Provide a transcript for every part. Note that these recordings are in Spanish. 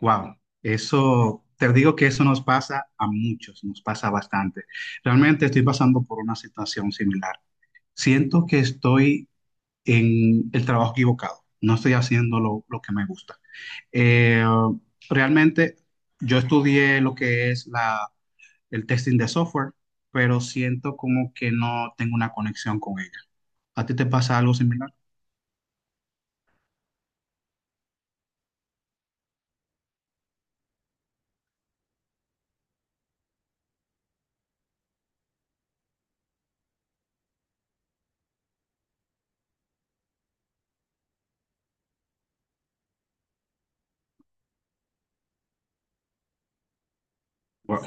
Wow, eso, te digo que eso nos pasa a muchos, nos pasa bastante. Realmente estoy pasando por una situación similar. Siento que estoy en el trabajo equivocado, no estoy haciendo lo que me gusta. Eh, Realmente yo estudié lo que es el testing de software, pero siento como que no tengo una conexión con ella. ¿A ti te pasa algo similar? Wow.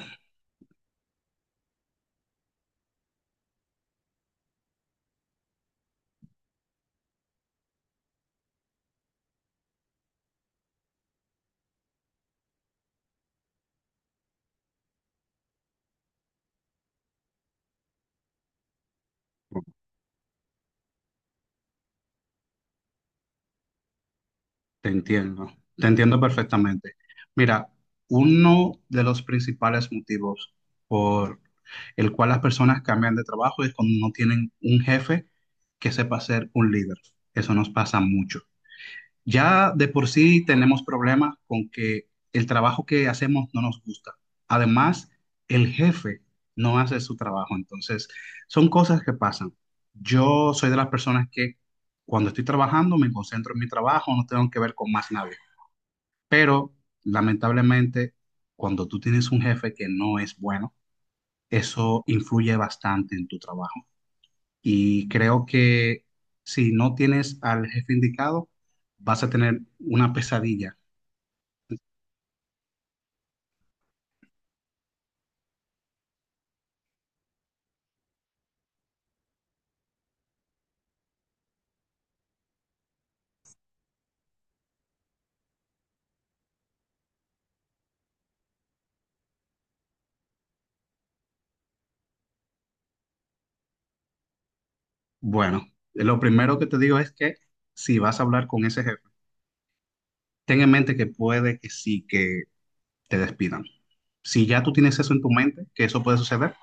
Te entiendo perfectamente. Mira, uno de los principales motivos por el cual las personas cambian de trabajo es cuando no tienen un jefe que sepa ser un líder. Eso nos pasa mucho. Ya de por sí tenemos problemas con que el trabajo que hacemos no nos gusta. Además, el jefe no hace su trabajo. Entonces, son cosas que pasan. Yo soy de las personas que cuando estoy trabajando me concentro en mi trabajo, no tengo que ver con más nadie. Pero, lamentablemente, cuando tú tienes un jefe que no es bueno, eso influye bastante en tu trabajo. Y creo que si no tienes al jefe indicado, vas a tener una pesadilla. Bueno, lo primero que te digo es que si vas a hablar con ese jefe, ten en mente que puede que sí que te despidan. Si ya tú tienes eso en tu mente, que eso puede suceder,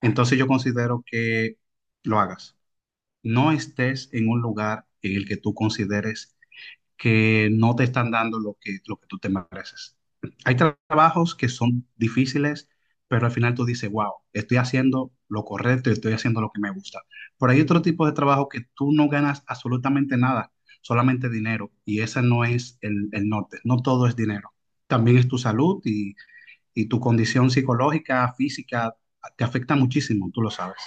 entonces yo considero que lo hagas. No estés en un lugar en el que tú consideres que no te están dando lo que tú te mereces. Hay trabajos que son difíciles, pero al final tú dices, wow, estoy haciendo lo correcto y estoy haciendo lo que me gusta. Pero hay otro tipo de trabajo que tú no ganas absolutamente nada, solamente dinero, y ese no es el norte, no todo es dinero. También es tu salud y tu condición psicológica, física, te afecta muchísimo, tú lo sabes.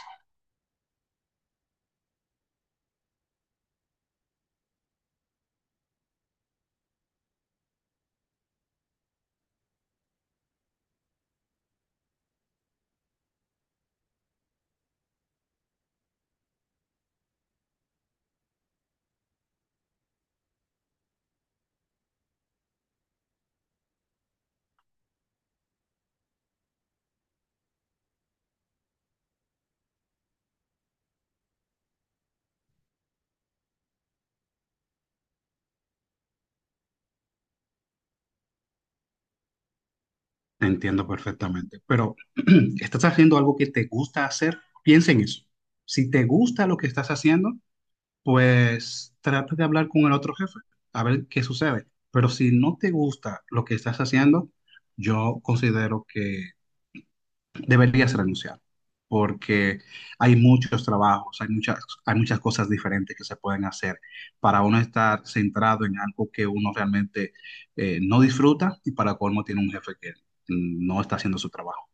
Entiendo perfectamente, pero estás haciendo algo que te gusta hacer, piensa en eso. Si te gusta lo que estás haciendo, pues trata de hablar con el otro jefe, a ver qué sucede. Pero si no te gusta lo que estás haciendo, yo considero que deberías renunciar, porque hay muchos trabajos, hay muchas cosas diferentes que se pueden hacer para uno estar centrado en algo que uno realmente no disfruta y para colmo tiene un jefe que no está haciendo su trabajo.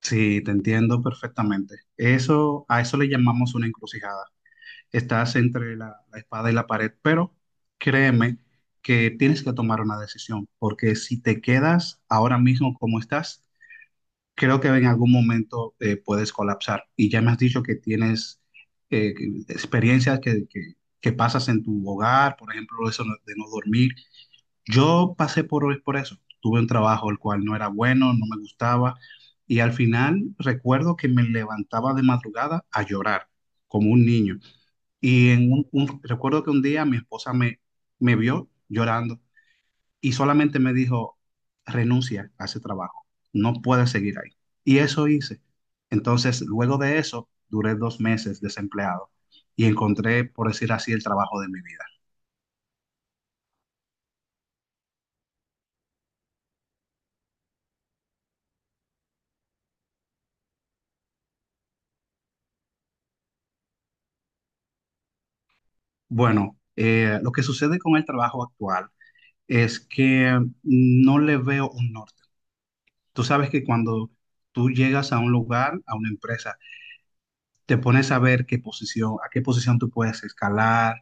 Sí, te entiendo perfectamente. Eso, a eso le llamamos una encrucijada. Estás entre la espada y la pared, pero créeme que tienes que tomar una decisión, porque si te quedas ahora mismo como estás, creo que en algún momento puedes colapsar. Y ya me has dicho que tienes experiencias que pasas en tu hogar, por ejemplo, eso no- de no dormir. Yo pasé por eso. Tuve un trabajo el cual no era bueno, no me gustaba. Y al final recuerdo que me levantaba de madrugada a llorar, como un niño. Y en recuerdo que un día mi esposa me vio llorando y solamente me dijo, renuncia a ese trabajo, no puedes seguir ahí. Y eso hice. Entonces, luego de eso, duré dos meses desempleado y encontré, por decir así, el trabajo de mi vida. Bueno, lo que sucede con el trabajo actual es que no le veo un norte. Tú sabes que cuando tú llegas a un lugar, a una empresa, te pones a ver qué posición, a qué posición tú puedes escalar,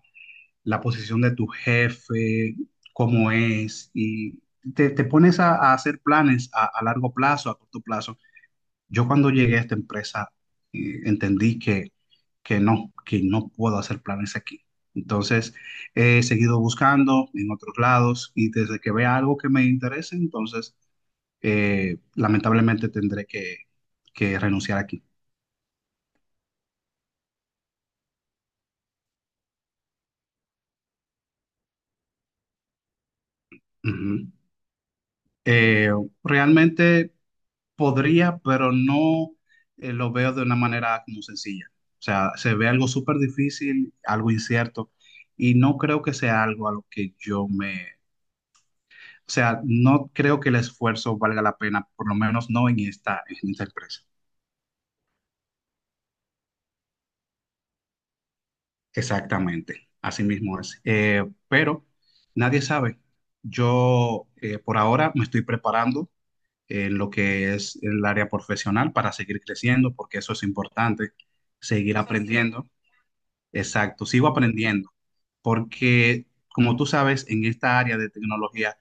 la posición de tu jefe, cómo es, y te pones a hacer planes a largo plazo, a corto plazo. Yo cuando llegué a esta empresa entendí que no puedo hacer planes aquí. Entonces, he seguido buscando en otros lados y desde que vea algo que me interese, entonces, lamentablemente tendré que renunciar aquí. Ujú. Eh, realmente podría, pero no lo veo de una manera como sencilla. O sea, se ve algo súper difícil, algo incierto, y no creo que sea algo a lo que yo me... O sea, no creo que el esfuerzo valga la pena, por lo menos no en en esta empresa. Exactamente, así mismo es. Pero nadie sabe. Yo por ahora me estoy preparando en lo que es el área profesional para seguir creciendo, porque eso es importante, seguir aprendiendo. Exacto, sigo aprendiendo, porque como tú sabes, en esta área de tecnología,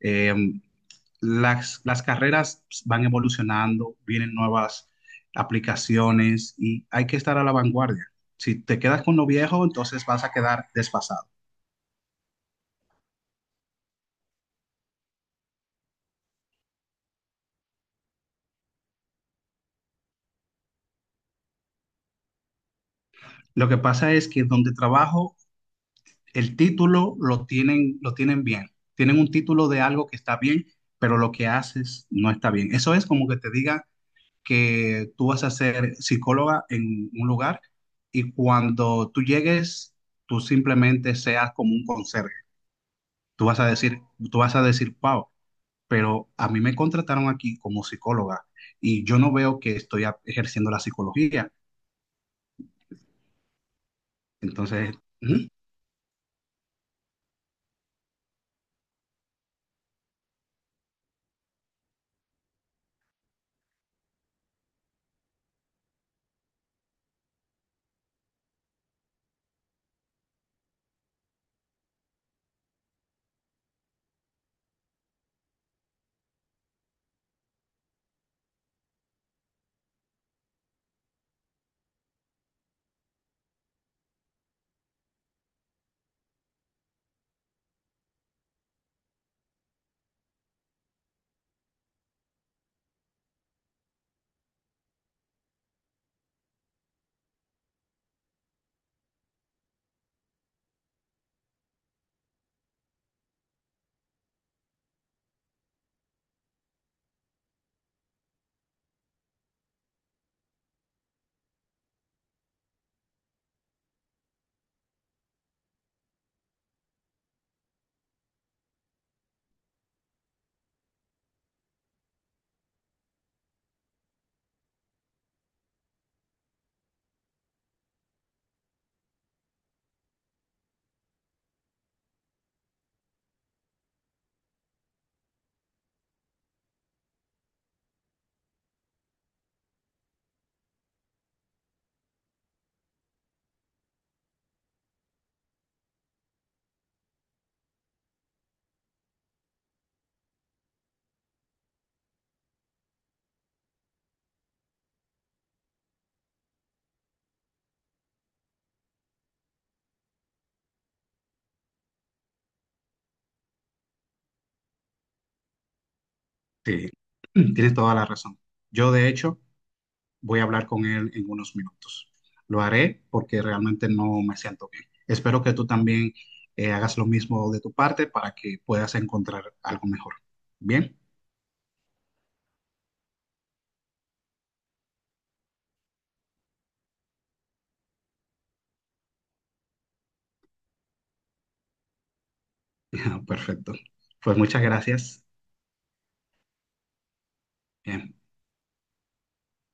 eh, las carreras van evolucionando, vienen nuevas aplicaciones y hay que estar a la vanguardia. Si te quedas con lo viejo, entonces vas a quedar desfasado. Lo que pasa es que donde trabajo, el título lo tienen bien. Tienen un título de algo que está bien, pero lo que haces no está bien. Eso es como que te diga que tú vas a ser psicóloga en un lugar y cuando tú llegues, tú simplemente seas como un conserje. Tú vas a decir, tú vas a decir, wow, pero a mí me contrataron aquí como psicóloga y yo no veo que estoy ejerciendo la psicología. Entonces, ujú, sí, tienes toda la razón. Yo, de hecho, voy a hablar con él en unos minutos. Lo haré porque realmente no me siento bien. Espero que tú también hagas lo mismo de tu parte para que puedas encontrar algo mejor. Bien, perfecto. Pues muchas gracias. Bien.